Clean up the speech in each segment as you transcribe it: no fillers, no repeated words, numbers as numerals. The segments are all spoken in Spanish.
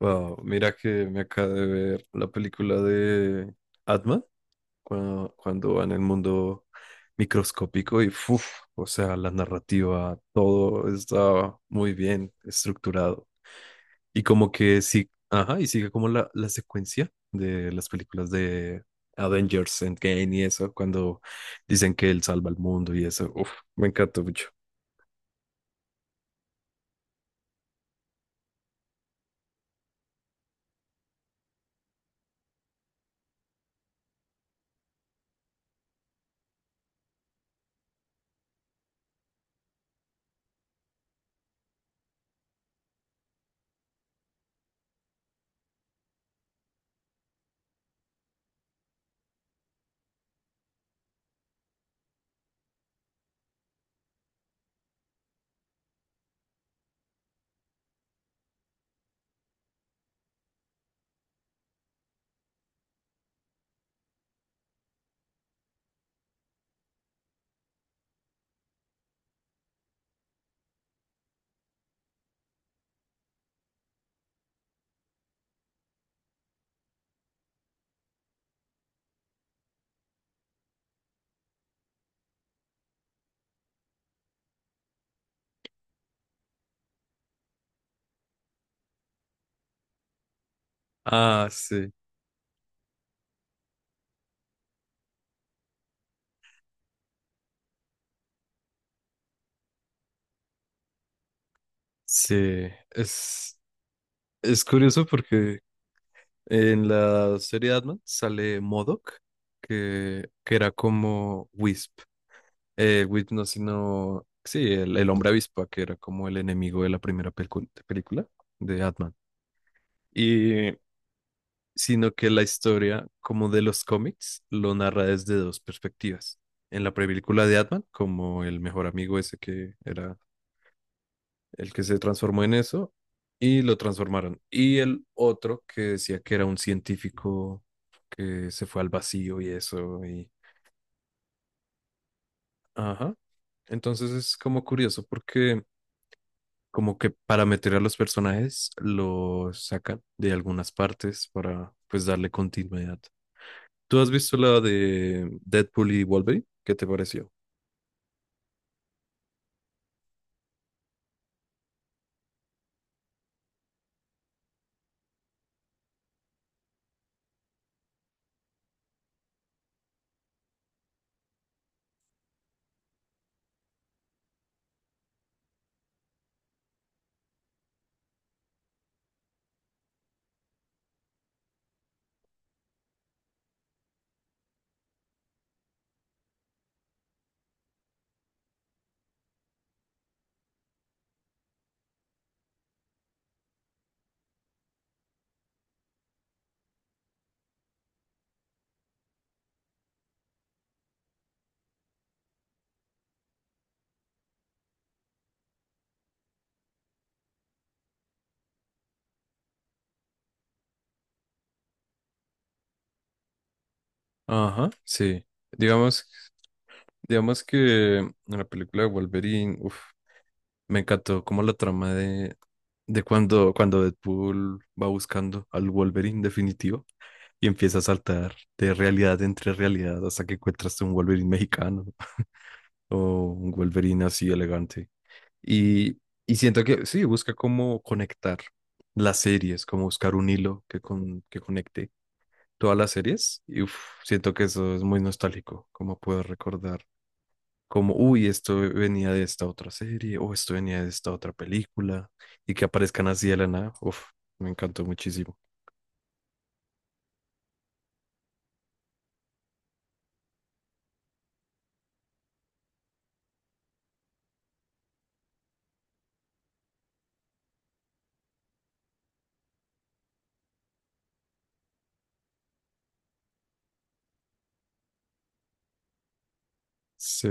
Wow, mira que me acabo de ver la película de Atma cuando va en el mundo microscópico y ¡fuf! O sea, la narrativa, todo está muy bien estructurado. Y como que sí, ajá, y sigue como la secuencia de las películas de Avengers Endgame y eso, cuando dicen que él salva al mundo y eso, uf, me encantó mucho. Ah, sí, sí, es curioso porque en la serie de Batman sale M.O.D.O.K., que era como Wisp. Wisp no, sino... Sí, el hombre avispa, que era como el enemigo de la primera película de Batman. Y sino que la historia, como de los cómics, lo narra desde dos perspectivas. En la película de Batman, como el mejor amigo ese que era el que se transformó en eso, y lo transformaron. Y el otro que decía que era un científico que se fue al vacío y eso, y... Ajá. Entonces es como curioso porque como que para meter a los personajes los sacan de algunas partes para pues darle continuidad. ¿Tú has visto la de Deadpool y Wolverine? ¿Qué te pareció? Ajá, sí. Digamos, digamos que en la película de Wolverine, uf, me encantó como la trama de cuando Deadpool va buscando al Wolverine definitivo y empieza a saltar de realidad entre realidad hasta que encuentras un Wolverine mexicano o un Wolverine así elegante. Y, y siento que sí, busca cómo conectar las series, como buscar un hilo que conecte todas las series. Y uf, siento que eso es muy nostálgico, como poder recordar como, uy, esto venía de esta otra serie, o esto venía de esta otra película, y que aparezcan así de la nada, uf, me encantó muchísimo. Sí,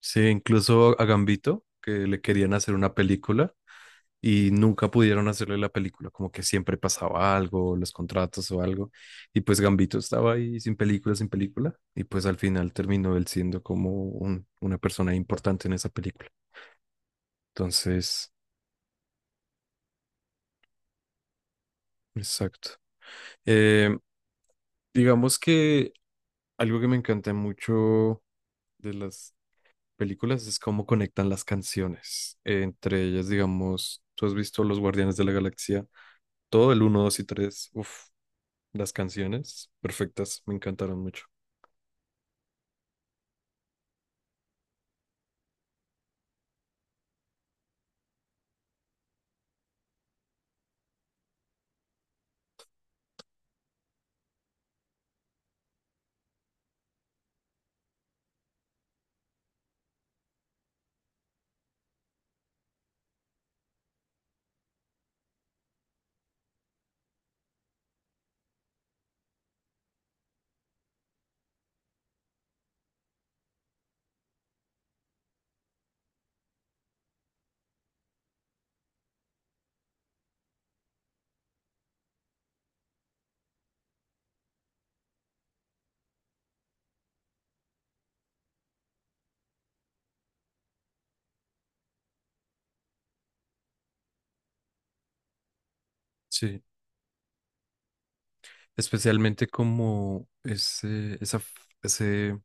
sí, incluso a Gambito, que le querían hacer una película y nunca pudieron hacerle la película, como que siempre pasaba algo, los contratos o algo, y pues Gambito estaba ahí sin película, sin película, y pues al final terminó él siendo como una persona importante en esa película. Entonces, exacto. Eh, digamos que algo que me encanta mucho de las películas es cómo conectan las canciones. Entre ellas, digamos, tú has visto Los Guardianes de la Galaxia, todo el uno 2 y 3 uff, las canciones perfectas, me encantaron mucho. Sí, especialmente como ese,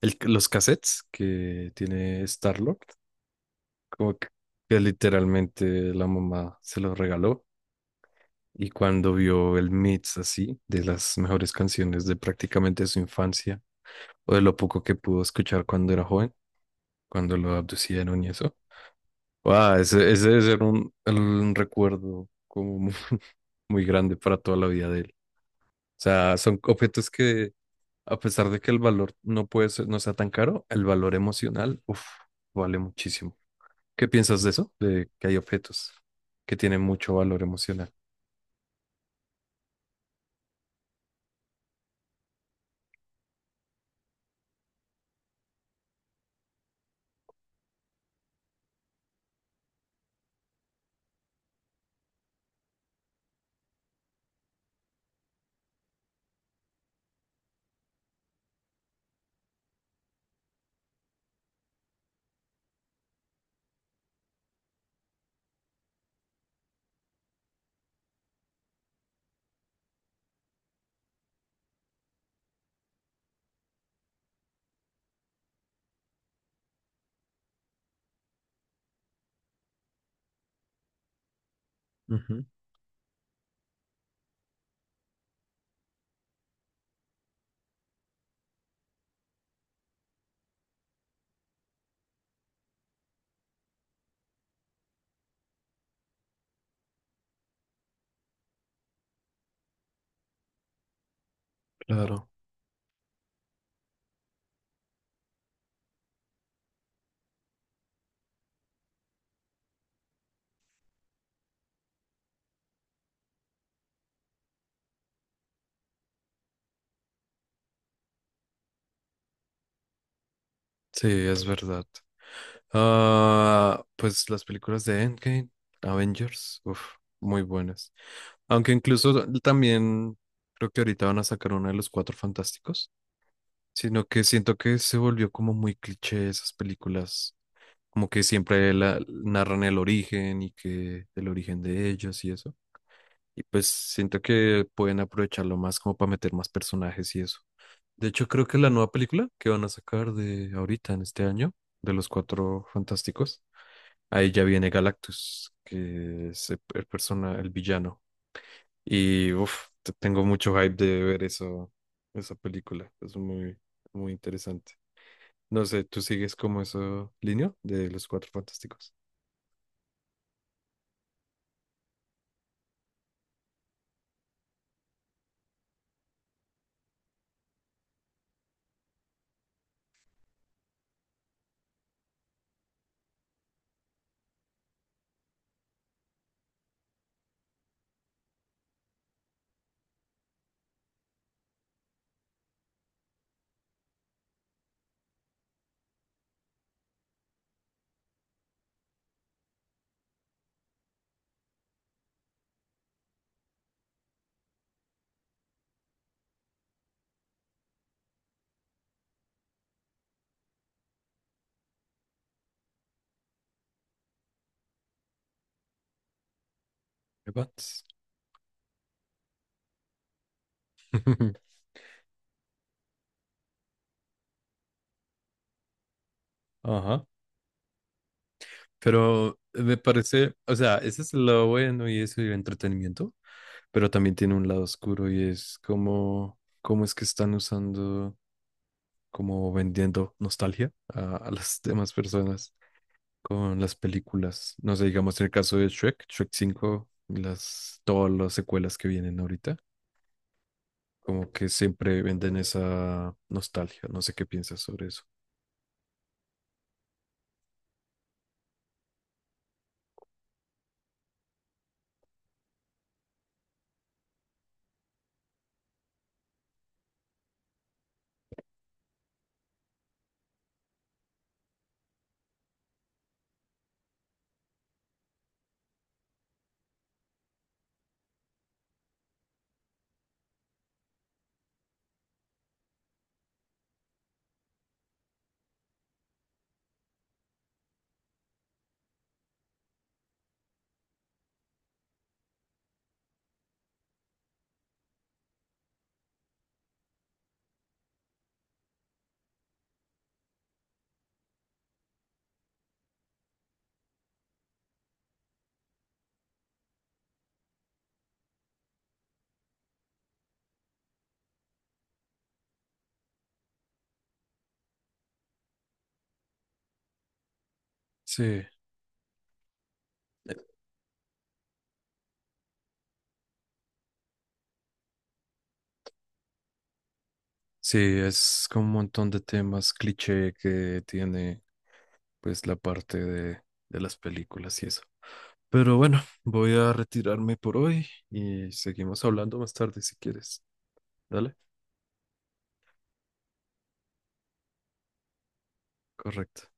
los cassettes que tiene Star-Lord, como que literalmente la mamá se los regaló. Y cuando vio el mix así, de las mejores canciones de prácticamente su infancia, o de lo poco que pudo escuchar cuando era joven, cuando lo abducieron y eso. Wow, ese debe ser un recuerdo como muy grande para toda la vida de él. O sea, son objetos que, a pesar de que el valor no puede ser, no sea tan caro, el valor emocional, uf, vale muchísimo. ¿Qué piensas de eso? De que hay objetos que tienen mucho valor emocional. Ujú, claro. Sí, es verdad. Ah, pues las películas de Endgame, Avengers, uf, muy buenas. Aunque incluso también creo que ahorita van a sacar una de los Cuatro Fantásticos, sino que siento que se volvió como muy cliché esas películas, como que siempre narran el origen y que el origen de ellos y eso. Y pues siento que pueden aprovecharlo más como para meter más personajes y eso. De hecho, creo que la nueva película que van a sacar de ahorita en este año, de los Cuatro Fantásticos. Ahí ya viene Galactus, que es el villano. Y uff, tengo mucho hype de ver eso, esa película. Es muy, muy interesante. No sé, ¿tú sigues como eso línea de los Cuatro Fantásticos? Evans. Ajá. Pero me parece, o sea, ese es el lado bueno y eso y entretenimiento, pero también tiene un lado oscuro y es como, cómo es que están usando, como vendiendo nostalgia a las demás personas. Con las películas. No sé, digamos en el caso de Shrek, Shrek 5, todas las secuelas que vienen ahorita, como que siempre venden esa nostalgia. No sé qué piensas sobre eso. Sí, sí, es como un montón de temas cliché que tiene pues la parte de las películas y eso. Pero bueno, voy a retirarme por hoy y seguimos hablando más tarde si quieres. Dale, correcto.